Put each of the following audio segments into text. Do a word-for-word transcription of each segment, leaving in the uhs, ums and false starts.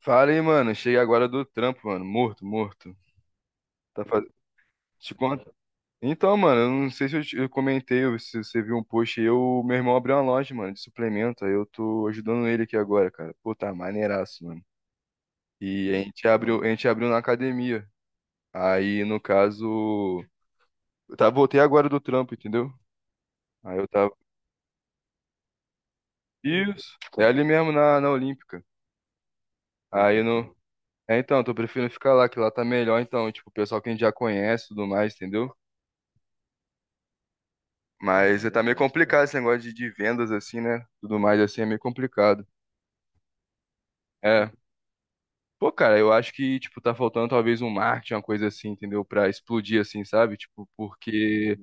Fala aí, mano. Cheguei agora do trampo, mano. Morto, morto. Tá faz... Te conta. Então, mano, eu não sei se eu, te- eu comentei, ou se você viu um post aí, eu, meu irmão abriu uma loja, mano, de suplemento. Aí eu tô ajudando ele aqui agora, cara. Pô, tá maneiraço, mano. E a gente abriu, a gente abriu na academia. Aí, no caso, eu tá, voltei agora do trampo, entendeu? Aí eu tava. Isso. É ali mesmo na, na Olímpica. Aí no. É, então, tô preferindo ficar lá, que lá tá melhor, então, tipo, o pessoal que a gente já conhece e tudo mais, entendeu? Mas tá meio complicado esse negócio de, de vendas, assim, né? Tudo mais, assim, é meio complicado. É. Pô, cara, eu acho que, tipo, tá faltando talvez um marketing, uma coisa assim, entendeu? Pra explodir, assim, sabe? Tipo, porque...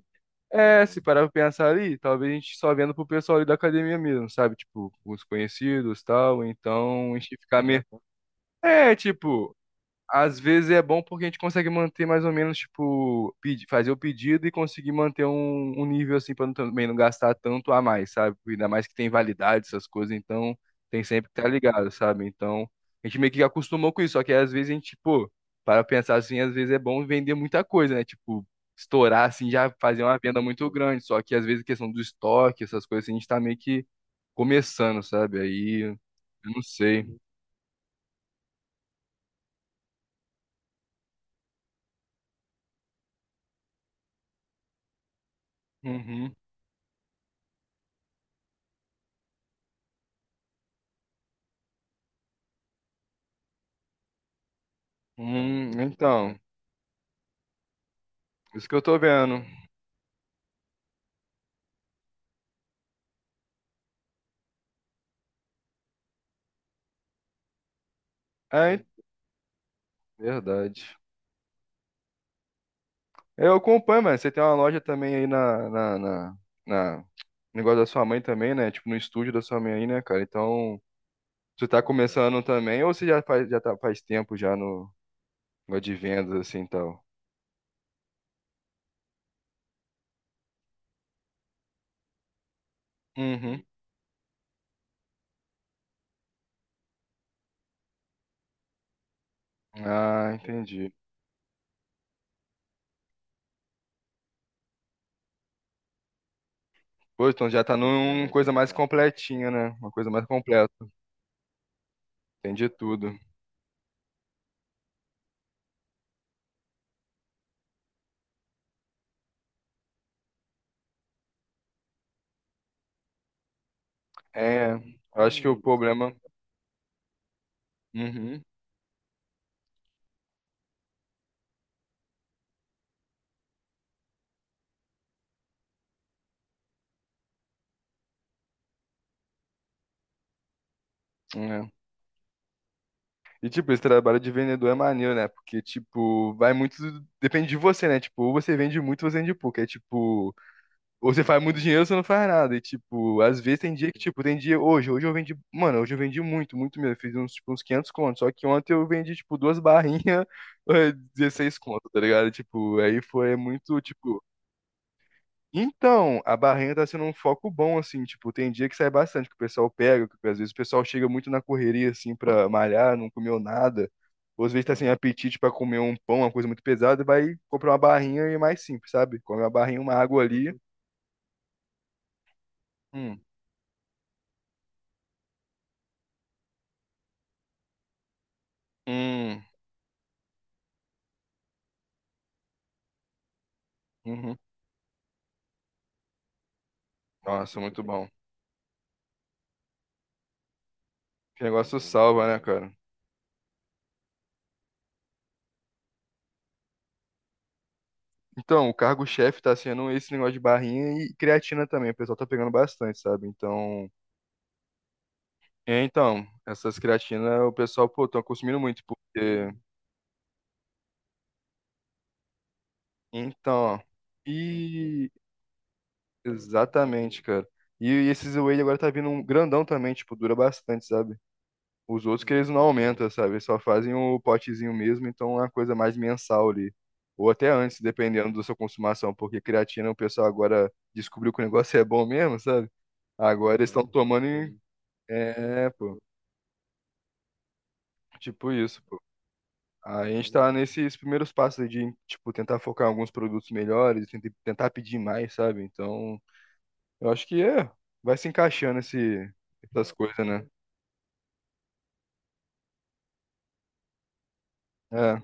É, se parar pra pensar ali, talvez a gente só venda pro pessoal ali da academia mesmo, sabe? Tipo, os conhecidos e tal, então a gente ficar meio... É, tipo... Às vezes é bom porque a gente consegue manter mais ou menos, tipo, pedi- fazer o pedido e conseguir manter um, um nível assim para também não gastar tanto a mais, sabe? Ainda mais que tem validade, essas coisas, então tem sempre que estar ligado, sabe? Então a gente meio que acostumou com isso, só que às vezes a gente, pô, para pensar assim, às vezes é bom vender muita coisa, né? Tipo, estourar assim, já fazer uma venda muito grande, só que às vezes a questão do estoque, essas coisas, assim, a gente tá meio que começando, sabe? Aí, eu não sei. Uhum. Hum, então, isso que eu tô vendo. É, hein? Verdade. Eu acompanho, mano. Você tem uma loja também aí na, na, na, na- negócio da sua mãe também, né? Tipo, no estúdio da sua mãe aí, né, cara? Então, você tá começando também ou você já faz, já tá, faz tempo já no negócio de vendas, assim, e tal? Uhum. Ah, entendi. Pô, então já tá numa coisa mais completinha, né? Uma coisa mais completa. Entendi tudo. É, eu acho que o problema... Uhum. E, tipo, esse trabalho de vendedor é maneiro, né? Porque, tipo, vai muito. Depende de você, né? Tipo, ou você vende muito, ou você vende pouco. É tipo, ou você faz muito dinheiro, ou você não faz nada. E, tipo, às vezes tem dia que, tipo, tem dia. Hoje, hoje eu vendi. Mano, hoje eu vendi muito, muito mesmo. Eu fiz uns, tipo, uns quinhentos contos. Só que ontem eu vendi, tipo, duas barrinhas, eh, dezesseis contos, tá ligado? Tipo, aí foi muito, tipo. Então, a barrenha tá sendo um foco bom, assim, tipo, tem dia que sai bastante, que o pessoal pega, que às vezes o pessoal chega muito na correria, assim, pra malhar, não comeu nada, ou às vezes tá sem apetite pra comer um pão, uma coisa muito pesada, vai comprar uma barrinha e é mais simples, sabe? Come uma barrinha, uma água ali. Hum, hum, uhum. Nossa, muito bom. Que negócio salva, né, cara? Então, o cargo-chefe tá sendo esse negócio de barrinha e creatina também, o pessoal tá pegando bastante, sabe? Então, é, então, essas creatinas o pessoal, pô, tão consumindo muito, porque então, e exatamente, cara. E e esses Wade agora tá vindo um grandão também, tipo, dura bastante, sabe? Os outros que eles não aumentam, sabe? Eles só fazem o potezinho mesmo, então é uma coisa mais mensal ali. Ou até antes, dependendo da sua consumação, porque creatina o pessoal agora descobriu que o negócio é bom mesmo, sabe? Agora eles estão tomando em... É, pô. Tipo isso, pô. A gente caramba, tá nesses primeiros passos aí de, tipo, tentar focar em alguns produtos melhores, tentar tentar pedir mais, sabe? Então. Eu acho que é. Vai se encaixando esse, essas coisas, né? É.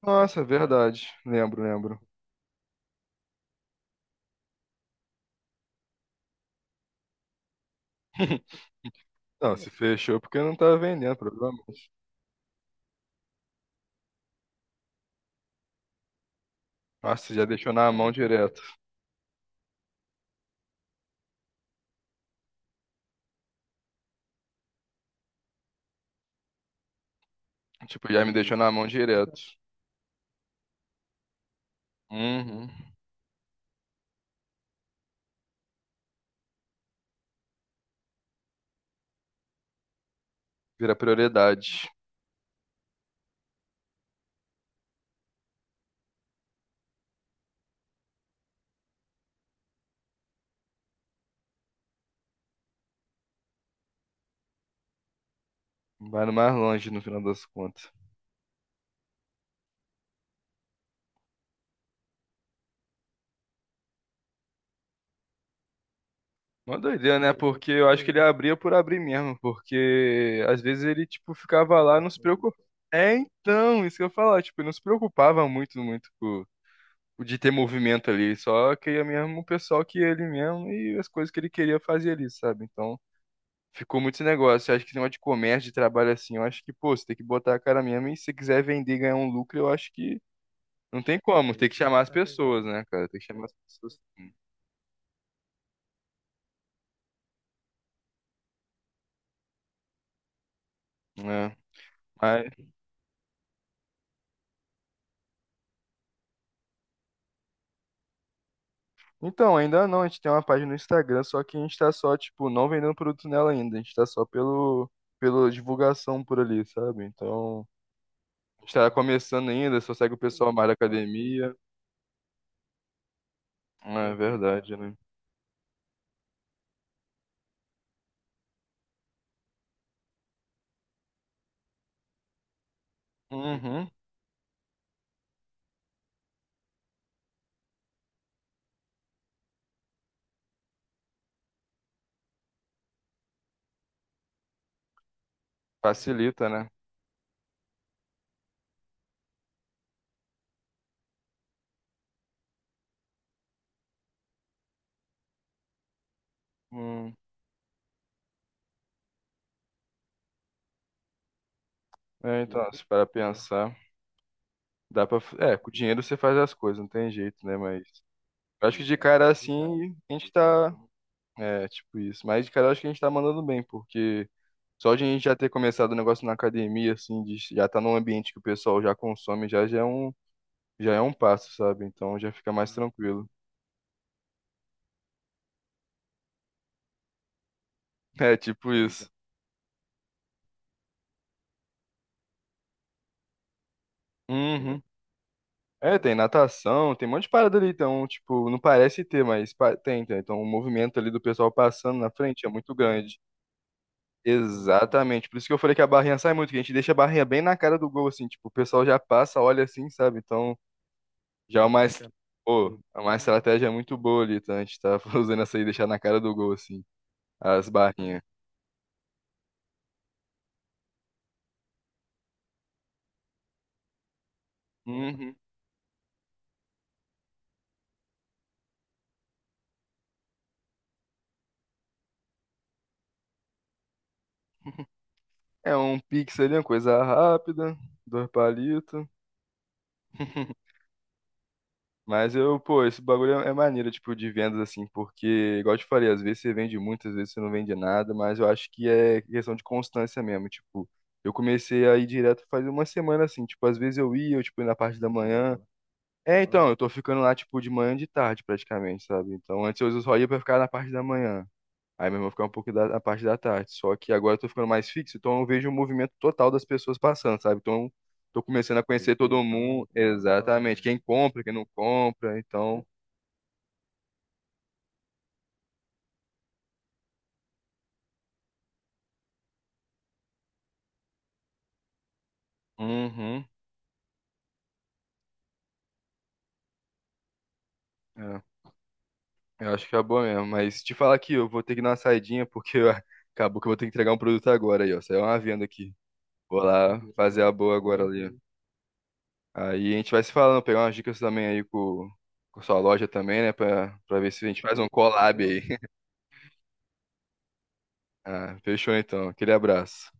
Nossa, verdade. Lembro, lembro. Não, se fechou porque não tava vendendo, provavelmente. Nossa, já deixou na mão direto. Tipo, já me deixou na mão direto. Uhum. Vira prioridade. Vai no mais longe no final das contas. Uma doideira, né? Porque eu acho que ele abria por abrir mesmo. Porque às vezes ele, tipo, ficava lá e não se preocupava. É, então, isso que eu ia falar. Tipo, ele não se preocupava muito, muito com de ter movimento ali. Só que queria mesmo o pessoal que ele mesmo e as coisas que ele queria fazer ali, sabe? Então, ficou muito esse negócio. Eu acho que esse negócio de comércio, de trabalho assim, eu acho que, pô, você tem que botar a cara mesmo e se você quiser vender e ganhar um lucro, eu acho que não tem como. Tem que chamar as pessoas, né, cara? Tem que chamar as pessoas. Sim. É. Mas, então, ainda não, a gente tem uma página no Instagram, só que a gente tá só, tipo, não vendendo produto nela ainda, a gente tá só pelo, pela divulgação por ali, sabe? Então, a gente tá começando ainda, só segue o pessoal mais da academia. É verdade, né? Uhum. Facilita, né? Hum. É, então, se para pensar, dá para, é, com dinheiro você faz as coisas, não tem jeito, né? Mas eu acho que de cara assim, a gente tá, é, tipo isso, mas de cara eu acho que a gente tá mandando bem, porque só de a gente já ter começado o negócio na academia assim, de já tá num ambiente que o pessoal já consome, já já é um, já é um passo, sabe? Então já fica mais tranquilo. É, tipo isso. Uhum. É, tem natação, tem um monte de parada ali, então, tipo, não parece ter, mas pa- tem, tem. Então, o movimento ali do pessoal passando na frente é muito grande. Exatamente. Por isso que eu falei que a barrinha sai muito, que a gente deixa a barrinha bem na cara do gol, assim, tipo, o pessoal já passa, olha assim, sabe? Então, já é uma, es- pô, é uma estratégia muito boa ali, tá? A gente tá usando essa aí, deixar na cara do gol, assim, as barrinhas. Uhum. É um pix ali, uma coisa rápida, dois palitos. Mas eu, pô, esse bagulho é é maneiro, tipo, de vendas, assim, porque, igual eu te falei, às vezes você vende muito, às vezes você não vende nada, mas eu acho que é questão de constância mesmo, tipo, eu comecei a ir direto faz uma semana, assim, tipo, às vezes eu ia, eu, tipo, ia na parte da manhã, é, então, eu tô ficando lá, tipo, de manhã e de tarde, praticamente, sabe, então, antes eu só ia pra ficar na parte da manhã, aí mesmo eu vou ficar um pouco da, na parte da tarde. Só que agora eu tô ficando mais fixo, então eu vejo o movimento total das pessoas passando, sabe? Então tô começando a tem conhecer que todo estar mundo, total, exatamente, né? Quem compra, quem não compra, então. Uhum. É, eu acho que acabou mesmo. Mas te falar aqui, eu vou ter que dar uma saidinha, porque eu- acabou que eu vou ter que entregar um produto agora aí, ó. Saiu uma venda aqui. Vou lá fazer a boa agora ali, ó. Aí a gente vai se falando, pegar umas dicas também aí com, com sua loja também, né? Pra, pra ver se a gente faz um collab aí. Ah, fechou então. Aquele abraço.